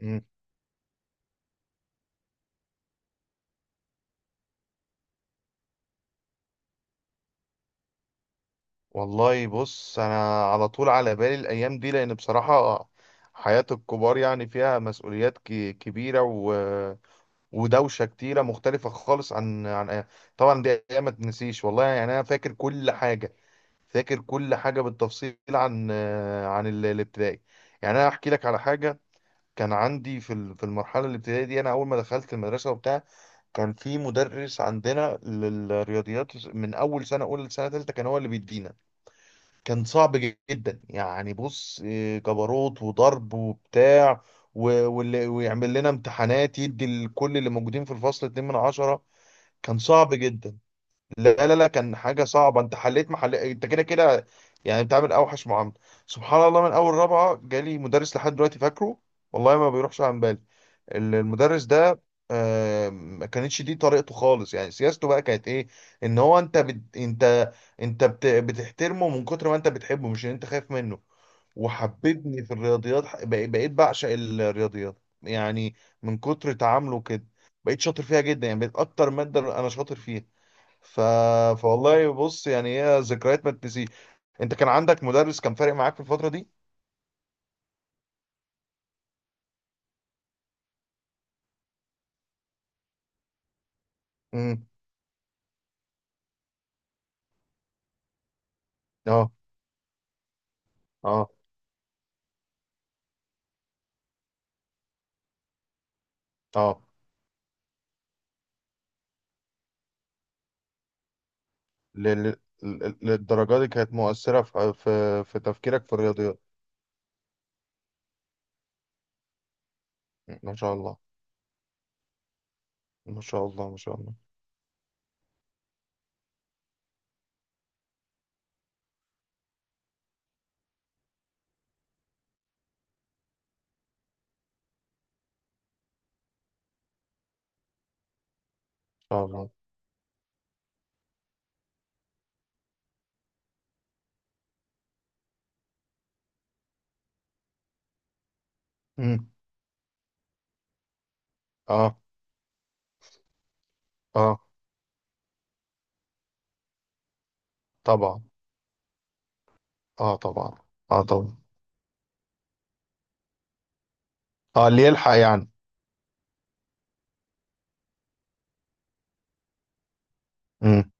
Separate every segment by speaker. Speaker 1: مم. والله بص، انا على طول على بالي الايام دي لان بصراحة حياة الكبار يعني فيها مسؤوليات كبيرة ودوشة كتيرة مختلفة خالص عن طبعا دي ايام ما تنسيش، والله يعني انا فاكر كل حاجة، فاكر كل حاجة بالتفصيل عن الابتدائي. يعني انا احكي لك على حاجة. كان عندي في في المرحلة الابتدائية دي، انا اول ما دخلت المدرسة وبتاع، كان في مدرس عندنا للرياضيات من اول سنة اولى لسنة تالتة، كان هو اللي بيدينا. كان صعب جدا، يعني بص إيه، جبروت وضرب وبتاع. و- واللي ويعمل لنا امتحانات، يدي لكل اللي موجودين في الفصل اتنين من عشرة. كان صعب جدا. لا لا لا، كان حاجة صعبة. انت حليت محل انت كده كده، يعني بتعمل اوحش معاملة. سبحان الله، من اول رابعة جالي مدرس لحد دلوقتي فاكره، والله ما بيروحش عن بالي المدرس ده. آه، ما كانتش دي طريقته خالص، يعني سياسته بقى كانت ايه؟ ان هو انت انت، بتحترمه من كتر ما انت بتحبه، مش ان انت خايف منه. وحببني في الرياضيات، بقيت بعشق الرياضيات يعني من كتر تعامله كده. بقيت شاطر فيها جدا، يعني بقيت اكتر مادة انا شاطر فيها. ف... فوالله بص، يعني هي ذكريات ما تنسي. انت كان عندك مدرس كان فارق معاك في الفترة دي؟ امم. اه اه اه. ل... ل... للدرجة دي كانت مؤثرة في تفكيرك في الرياضيات؟ مم. ما شاء الله، ما شاء الله ما شاء الله ما شاء الله. امم. اه اه طبعا. اه طبعا. اه طبعا. اه، اللي يلحق يعني. امم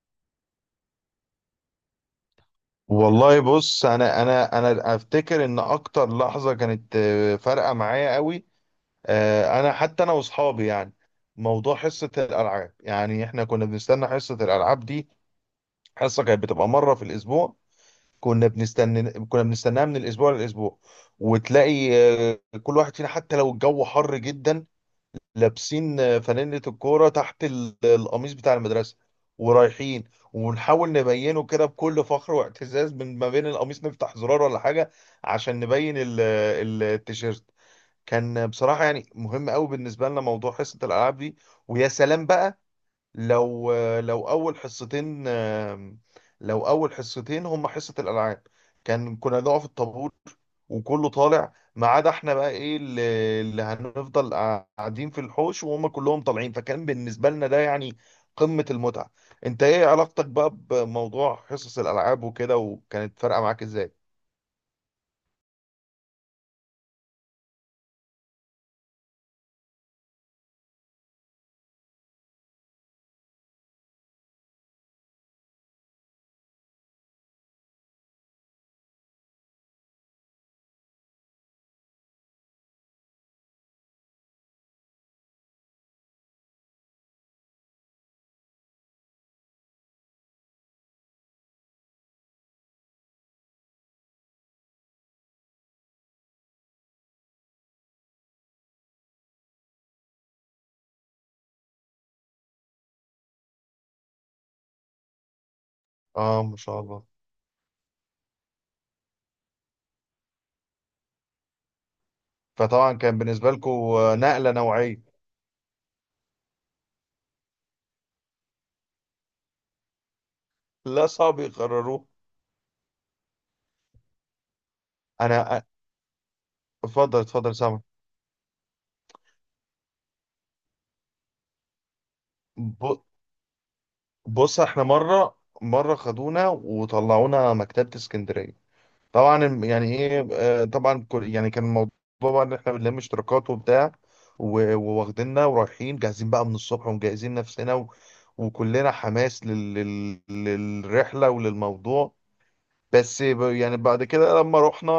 Speaker 1: والله بص، انا افتكر ان اكتر لحظة كانت فارقة معايا قوي. انا حتى انا واصحابي، يعني موضوع حصه الالعاب، يعني احنا كنا بنستنى حصه الالعاب دي. حصه كانت بتبقى مره في الاسبوع، كنا بنستناها من الاسبوع للاسبوع. وتلاقي كل واحد فينا، حتى لو الجو حر جدا، لابسين فانلة الكوره تحت القميص بتاع المدرسه، ورايحين ونحاول نبينه كده بكل فخر واعتزاز، من ما بين القميص نفتح زرار ولا حاجه عشان نبين التيشيرت. كان بصراحة يعني مهم قوي بالنسبة لنا موضوع حصة الألعاب دي. ويا سلام بقى لو لو أول حصتين لو أول حصتين هم حصة الألعاب، كان كنا نقف الطابور وكله طالع ما عدا احنا، بقى ايه اللي هنفضل قاعدين في الحوش وهم كلهم طالعين. فكان بالنسبة لنا ده يعني قمة المتعة. انت ايه علاقتك بقى بموضوع حصص الألعاب وكده، وكانت فارقة معاك ازاي؟ اه، ما شاء الله. فطبعا كان بالنسبة لكم نقلة نوعية. لا، صعب يقرروه. انا. اتفضل اتفضل، سامع. ب- بص احنا مره خدونا وطلعونا مكتبه اسكندريه. طبعا يعني ايه، طبعا يعني كان الموضوع بقى ان احنا بنلم اشتراكات وبتاع، وواخديننا ورايحين جاهزين بقى من الصبح ومجهزين نفسنا وكلنا حماس للرحله وللموضوع. بس يعني بعد كده لما رحنا،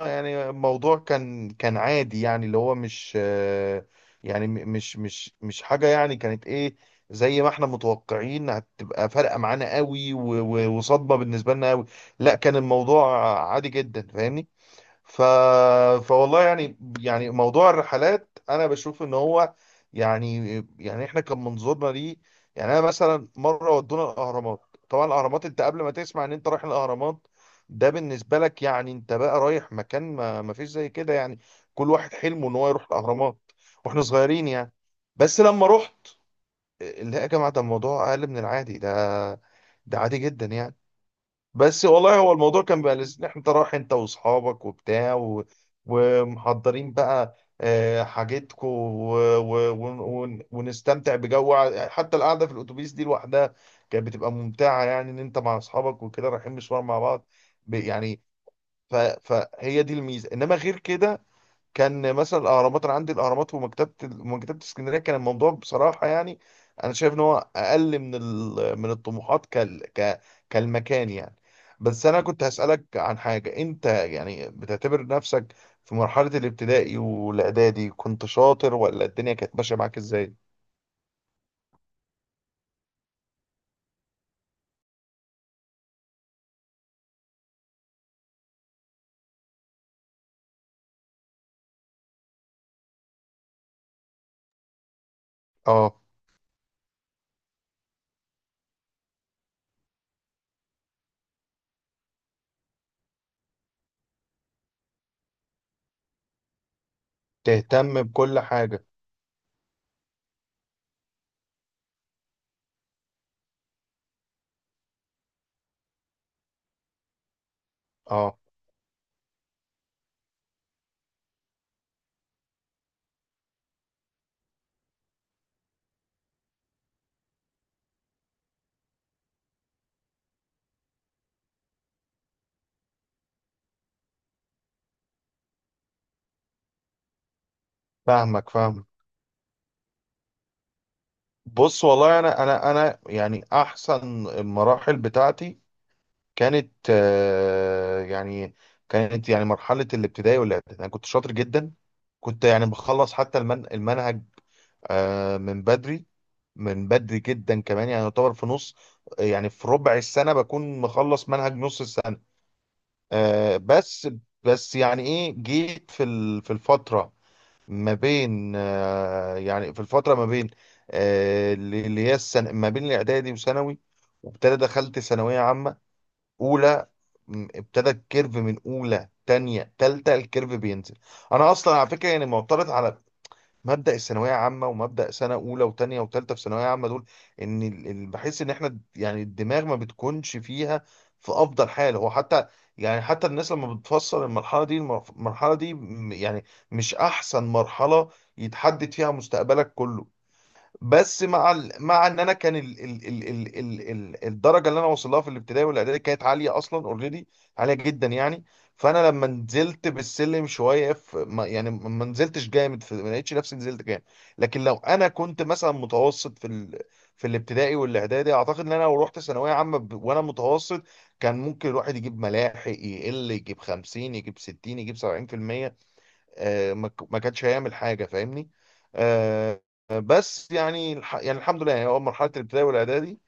Speaker 1: يعني الموضوع كان، عادي يعني، اللي هو مش يعني مش حاجة يعني كانت ايه زي ما احنا متوقعين هتبقى فارقة معانا قوي وصدمة بالنسبة لنا قوي. لا، كان الموضوع عادي جدا، فاهمني. ف... فوالله يعني، يعني موضوع الرحلات، انا بشوف ان هو يعني، يعني احنا كان منظورنا ليه. يعني انا مثلا مره ودونا الاهرامات. طبعا الاهرامات، انت قبل ما تسمع ان انت رايح الاهرامات ده بالنسبه لك يعني، انت بقى رايح مكان ما، ما فيش زي كده يعني، كل واحد حلمه ان هو يروح الاهرامات واحنا صغيرين يعني. بس لما رحت، لا يا جماعه، ده الموضوع اقل من العادي، ده ده عادي جدا يعني. بس والله هو الموضوع كان بقى لذيذ، إن احنا، انت رايح انت واصحابك وبتاع، ومحضرين بقى حاجتكو، ونستمتع بجو، حتى القعده في الاتوبيس دي لوحدها كانت بتبقى ممتعه، يعني ان انت مع اصحابك وكده رايحين مشوار مع بعض. يعني فهي دي الميزه، انما غير كده كان مثلا الاهرامات، انا عندي الاهرامات ومكتبه اسكندريه، كان الموضوع بصراحه يعني انا شايف ان هو اقل من من الطموحات، كالمكان يعني. بس انا كنت هسالك عن حاجه. انت يعني بتعتبر نفسك في مرحله الابتدائي والاعدادي كنت شاطر، ولا الدنيا كانت ماشيه معاك ازاي؟ اه. تهتم بكل حاجه. اه. فاهمك فاهمك. بص، والله انا، يعني احسن المراحل بتاعتي كانت يعني، كانت يعني مرحلة الابتدائي والإعدادي أنا كنت شاطر جدا. كنت يعني بخلص حتى المنهج من بدري من بدري جدا كمان، يعني يعتبر في نص، يعني في ربع السنة بكون مخلص منهج نص السنة. بس، بس يعني إيه، جيت في في الفترة ما بين، يعني في الفترة ما بين اللي هي السنة ما بين الإعدادي وثانوي. وابتدى دخلت ثانوية عامة اولى، ابتدى الكيرف من اولى تانية تالتة، الكيرف بينزل. انا اصلا على فكره يعني معترض على مبدا الثانويه عامه، ومبدا سنه اولى وتانية وتالتة في ثانويه عامه دول. ان بحس ان احنا، يعني الدماغ ما بتكونش فيها في افضل حال هو. حتى يعني حتى الناس لما بتفصل المرحله دي، المرحله دي يعني مش احسن مرحله يتحدد فيها مستقبلك كله. بس مع ان انا كان الدرجه اللي انا وصلها في الابتدائي والاعدادي كانت عاليه اصلا اوريدي، عاليه جدا يعني. فانا لما نزلت بالسلم شويه، في... ما... يعني ما نزلتش جامد، ما لقيتش نفسي نزلت جامد. لكن لو انا كنت مثلا متوسط في الابتدائي والاعدادي، اعتقد ان انا لو رحت ثانويه عامه وانا متوسط، كان ممكن الواحد يجيب ملاحق، يقل يجيب 50 يجيب 60 يجيب 70%. ما كانش هيعمل حاجه، فاهمني. آه، بس يعني يعني الحمد لله، يعني هو مرحله الابتدائي والاعدادي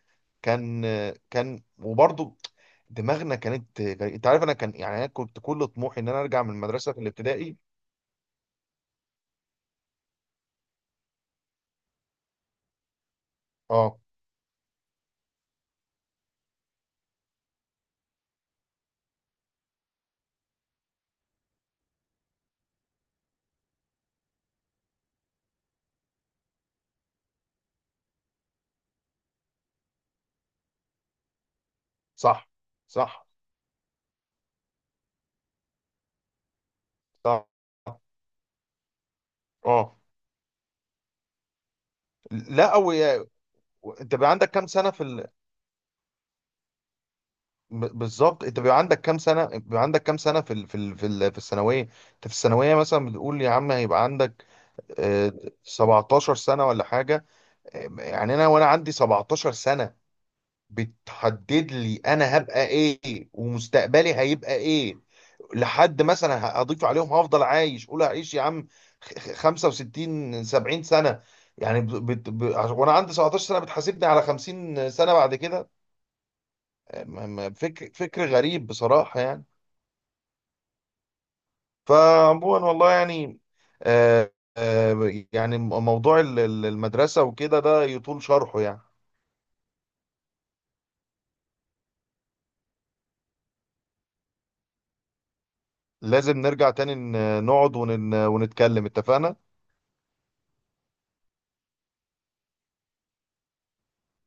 Speaker 1: كان، وبرضه دماغنا كانت، انت عارف انا كان، يعني انا كنت كل طموحي ان انا ارجع من المدرسه في الابتدائي. اه. صح صح صح. اه. لا انت بيبقى عندك كام سنه بالظبط، انت بيبقى عندك كام سنه، في في الثانويه. انت في الثانويه مثلا بتقول يا عم هيبقى عندك آه، 17 سنة ولا حاجة. يعني أنا، وأنا عندي 17 سنة بتحدد لي أنا هبقى إيه ومستقبلي هيبقى إيه. لحد مثلا هضيف عليهم هفضل عايش، قول هعيش يا عم 65 70 سنة. يعني ب... بت... ب... عش- وأنا عندي 17 سنة بتحاسبني على 50 سنة بعد كده. فكر غريب بصراحة يعني. فعموما، والله يعني، يعني موضوع المدرسة وكده ده يطول شرحه يعني. لازم نرجع تاني نقعد ونتكلم، اتفقنا.